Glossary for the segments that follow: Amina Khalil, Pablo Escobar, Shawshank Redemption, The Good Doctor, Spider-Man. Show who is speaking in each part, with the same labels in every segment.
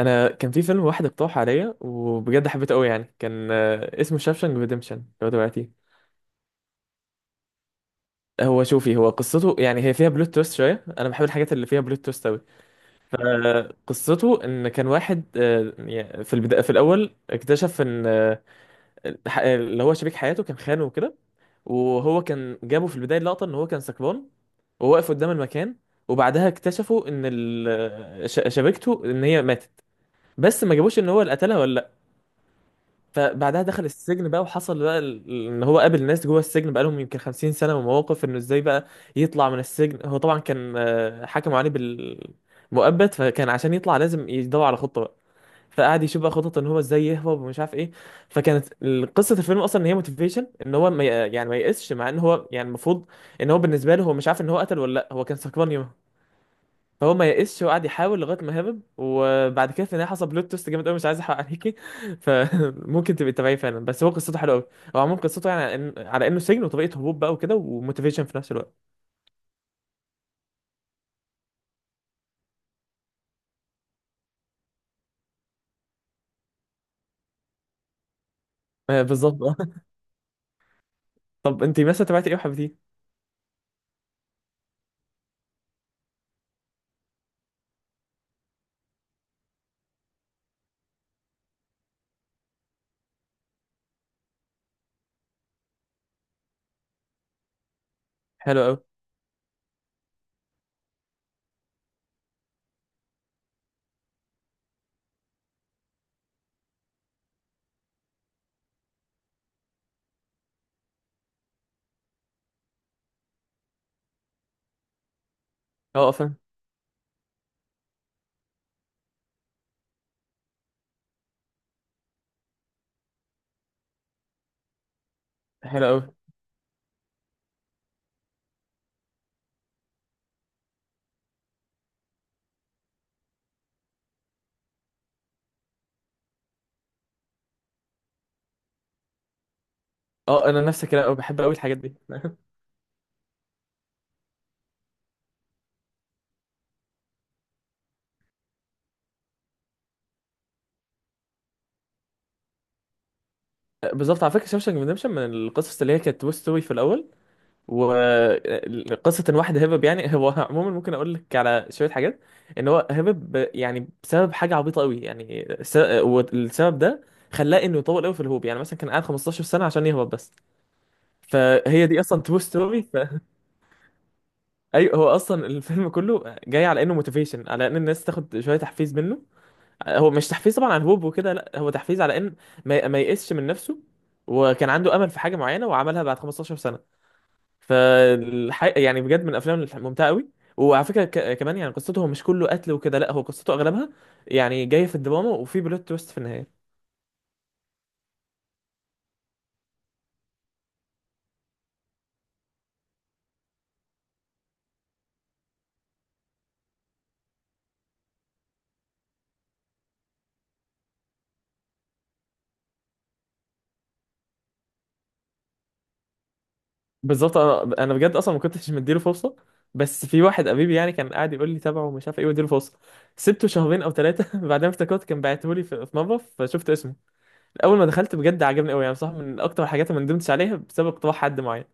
Speaker 1: انا كان في فيلم واحد اقترح عليا وبجد حبيته قوي يعني كان اسمه شاوشانك ريديمشن لو دلوقتي. هو شوفي، هو قصته يعني هي فيها بلوت تويست شويه، انا بحب الحاجات اللي فيها بلوت تويست قوي. فقصته ان كان واحد يعني في البدايه في الاول اكتشف ان اللي هو شريك حياته كان خانه وكده، وهو كان جابه في البدايه لقطه ان هو كان سكران وواقف قدام المكان. وبعدها اكتشفوا ان شبكته ان هي ماتت، بس ما جابوش ان هو اللي قتلها ولا. فبعدها دخل السجن بقى، وحصل بقى ان هو قابل ناس جوه السجن بقى لهم يمكن 50 سنه، ومواقف انه ازاي بقى يطلع من السجن. هو طبعا كان حكموا عليه بالمؤبد، فكان عشان يطلع لازم يدور على خطه بقى. فقعد يشوف بقى خطط ان هو ازاي يهرب ومش عارف ايه. فكانت قصه الفيلم اصلا ان هي موتيفيشن ان هو ما ي- يعني ما ييأسش، مع ان هو يعني المفروض ان هو بالنسبه له هو مش عارف ان هو قتل ولا لا، هو كان سكران. فهو ما يئسش وقعد يحاول لغايه ما هرب، وبعد كده في النهايه حصل بلوت تويست جامد قوي، مش عايز احرق عليكي. فممكن تبقي تتابعيه فعلا، بس هو قصته حلوه قوي. هو عموما قصته يعني على على انه سجن وطريقه هروب بقى وكده وموتيفيشن في نفس الوقت. بالظبط اه. طب انت مثلا تابعتي ايه وحبيتيه؟ حلو قوي. اه فاهم. حلو قوي. اه، انا نفس الكلام قوي بحب قوي الحاجات دي بالظبط، على فكره شاوشانك ريدمشن من القصص اللي هي كانت توي ستوري في الاول. وقصة ان واحد هرب يعني هو عموما ممكن اقول لك على شوية حاجات. ان هو هرب يعني بسبب حاجة عبيطة قوي يعني والسبب ده خلاه انه يطول قوي في الهوب، يعني مثلا كان قاعد 15 سنة عشان يهرب بس. فهي دي اصلا ترو ستوري ايوه، هو اصلا الفيلم كله جاي على انه موتيفيشن على ان الناس تاخد شوية تحفيز منه. هو مش تحفيز طبعا عن الهوب وكده، لا، هو تحفيز على ان ما يئسش من نفسه. وكان عنده امل في حاجة معينة وعملها بعد 15 سنة. فالحقيقة يعني بجد من الافلام الممتعه قوي. وعلى فكره كمان يعني قصته مش كله قتل وكده، لا، هو قصته اغلبها يعني جايه في الدراما وفي بلوت تويست في النهايه. بالظبط، انا بجد اصلا ما كنتش مديله فرصه، بس في واحد قريبي يعني كان قاعد يقول لي تابعه ومش عارف ايه واديله فرصه. سبته شهرين او ثلاثه بعدين افتكرت كان بعته لي في مره فشفت اسمه. اول ما دخلت بجد عجبني قوي، يعني صح، من اكتر الحاجات اللي ما ندمتش عليها بسبب اقتراح حد معين.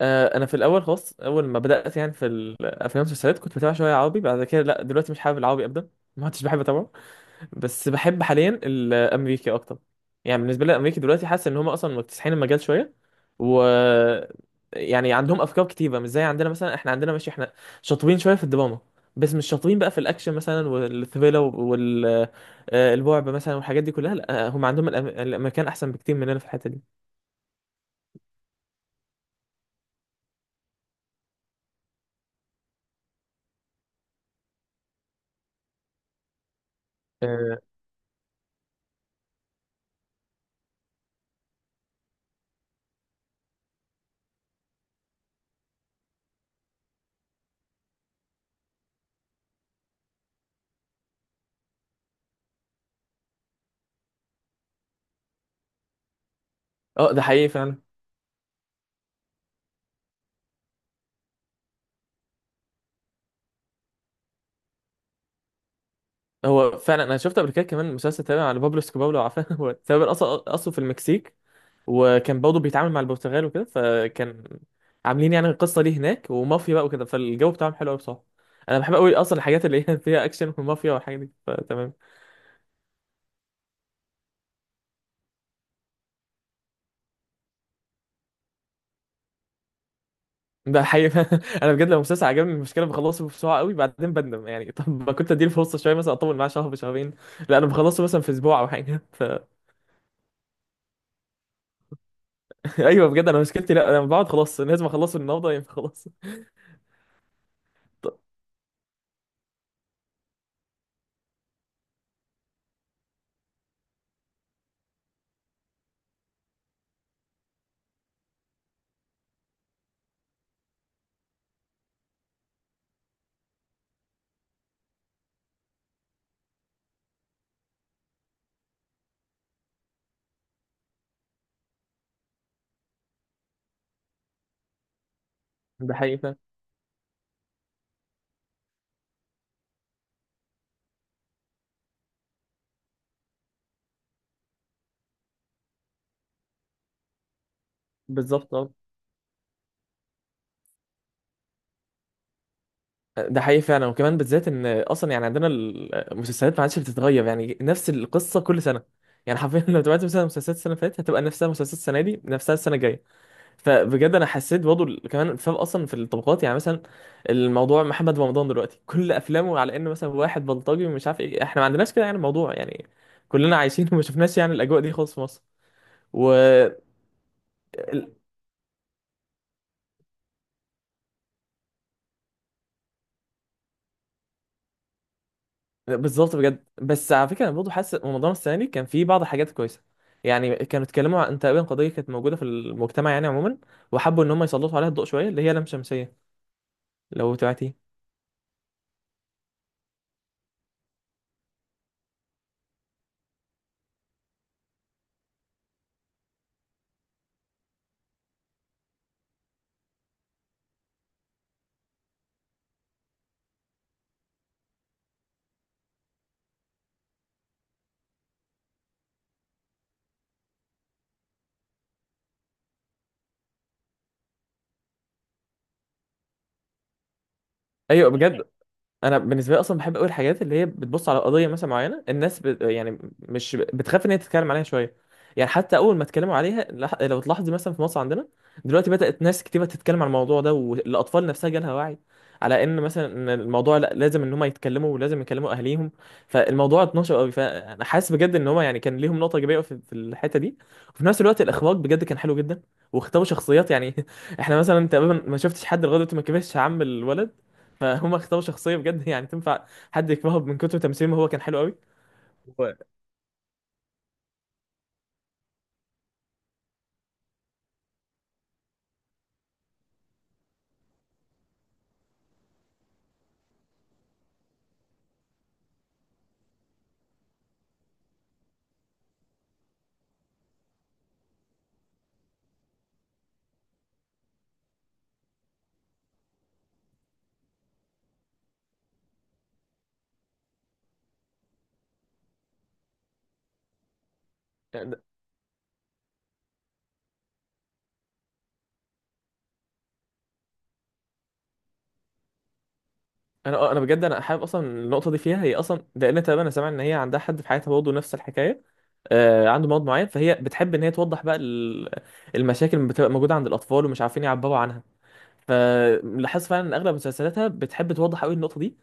Speaker 1: انا في الاول خالص اول ما بدات يعني في الافلام والمسلسلات كنت بتابع شويه عربي، بعد كده لا دلوقتي مش حابب العربي ابدا. ما عدتش بحب اتابعه. بس بحب حاليا الامريكي اكتر. يعني بالنسبه لي الامريكي دلوقتي حاسس ان هم اصلا مكتسحين المجال شويه، و يعني عندهم افكار كتيره، مش زي عندنا مثلا، احنا عندنا ماشي، احنا شاطرين شويه في الدراما. بس مش شاطرين بقى في الاكشن مثلا والثريلر والرعب مثلا والحاجات دي كلها، لا، هم عندهم الامريكان احسن بكتير مننا في الحته دي. اه. ده حقيقي فعلا. هو فعلا انا شفت قبل كده كمان مسلسل تابع على بابلو اسكوبار لو عارفه هو تقريبا اصلا اصله في المكسيك. وكان برضه بيتعامل مع البرتغال وكده، فكان عاملين يعني القصه دي هناك ومافيا بقى وكده، فالجو بتاعهم حلو قوي بصراحه. انا بحب قوي اصلا الحاجات اللي هي فيها اكشن ومافيا والحاجات دي، فتمام. ده حقيقي انا بجد لو مسلسل عجبني المشكله بخلصه بسرعه قوي بعدين بندم يعني طب ما كنت اديله فرصه شويه، مثلا اطول معاه شهر شهرين. لا، انا بخلصه مثلا في اسبوع او حاجه ايوه بجد انا مشكلتي، لا، انا بقعد خلاص لازم اخلصه النهارده، ينفع خلاص ده حقيقي فعلا. بالظبط. ده حقيقي فعلا، وكمان بالذات ان اصلا يعني عندنا المسلسلات ما عادش بتتغير، يعني نفس القصه كل سنه. يعني حرفيا لو تابعت مثلا مسلسلات السنه اللي فاتت هتبقى نفسها مسلسلات السنه دي، نفسها السنه الجايه. فبجد انا حسيت برضه كمان الفرق اصلا في الطبقات، يعني مثلا الموضوع محمد رمضان دلوقتي كل افلامه على انه مثلا واحد بلطجي ومش عارف ايه، احنا ما عندناش كده، يعني الموضوع يعني كلنا عايشين وما شفناش يعني الاجواء دي خالص في مصر. بالظبط بجد، بس على فكره انا برضه حاسس رمضان السنه دي كان فيه بعض الحاجات كويسه. يعني كانوا اتكلموا عن تقريبا قضيه كانت موجوده في المجتمع يعني عموما، وحبوا ان هم يسلطوا عليها الضوء شويه، اللي هي لام شمسيه لو تعرفي. ايوه بجد. انا بالنسبه لي اصلا بحب قوي الحاجات اللي هي بتبص على قضيه مثلا معينه، الناس يعني مش بتخاف ان هي تتكلم عليها شويه. يعني حتى اول ما اتكلموا عليها لو تلاحظي مثلا في مصر عندنا دلوقتي بدات ناس كتير تتكلم عن الموضوع ده، والاطفال نفسها جالها وعي على ان مثلا إن الموضوع، لا، لازم ان هم يتكلموا ولازم يكلموا اهاليهم. فالموضوع اتنشر قوي، فانا حاسس بجد ان هم يعني كان ليهم نقطه ايجابيه في الحته دي. وفي نفس الوقت الاخراج بجد كان حلو جدا. واختاروا شخصيات يعني احنا مثلا تقريبا ما شفتش حد لغايه دلوقتي ما كبرش عم الولد. فهم اختاروا شخصيه بجد يعني تنفع حد يكرهه من كتر تمثيل، ما هو كان حلو قوي. هو انا آه، انا بجد انا حابب اصلا النقطه دي فيها هي اصلا، لان تقريبا انا سامع ان هي عندها حد في حياتها برضه نفس الحكايه. عنده مرض معين، فهي بتحب ان هي توضح بقى المشاكل اللي بتبقى موجوده عند الاطفال ومش عارفين يعبروا عنها. فلاحظت فعلا ان اغلب مسلسلاتها بتحب توضح قوي النقطه دي.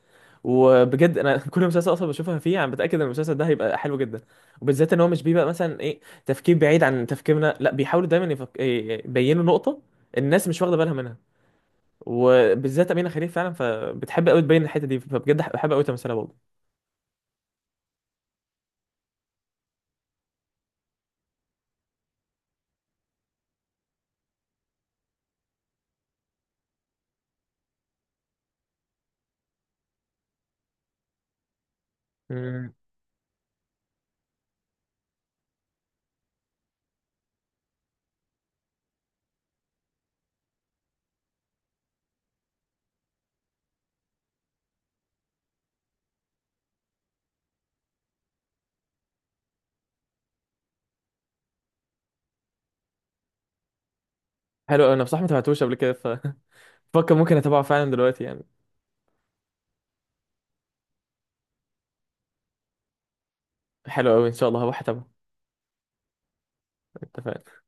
Speaker 1: وبجد انا كل مسلسل اصلا بشوفها فيه انا بتاكد ان المسلسل ده هيبقى حلو جدا. وبالذات ان هو مش بيبقى مثلا ايه، تفكير بعيد عن تفكيرنا، لا، بيحاولوا دايما إيه، يبينوا نقطه الناس مش واخده بالها منها. وبالذات امينه خليل فعلا، فبتحب قوي تبين الحته دي، فبجد بحب قوي تمثيلها برضه. مم. حلو أوي، انا بصراحه ما تابعتوش قبل كده ففكر ممكن اتابعه فعلا دلوقتي يعني. حلو قوي، ان شاء الله هروح اتابعه. اتفقنا.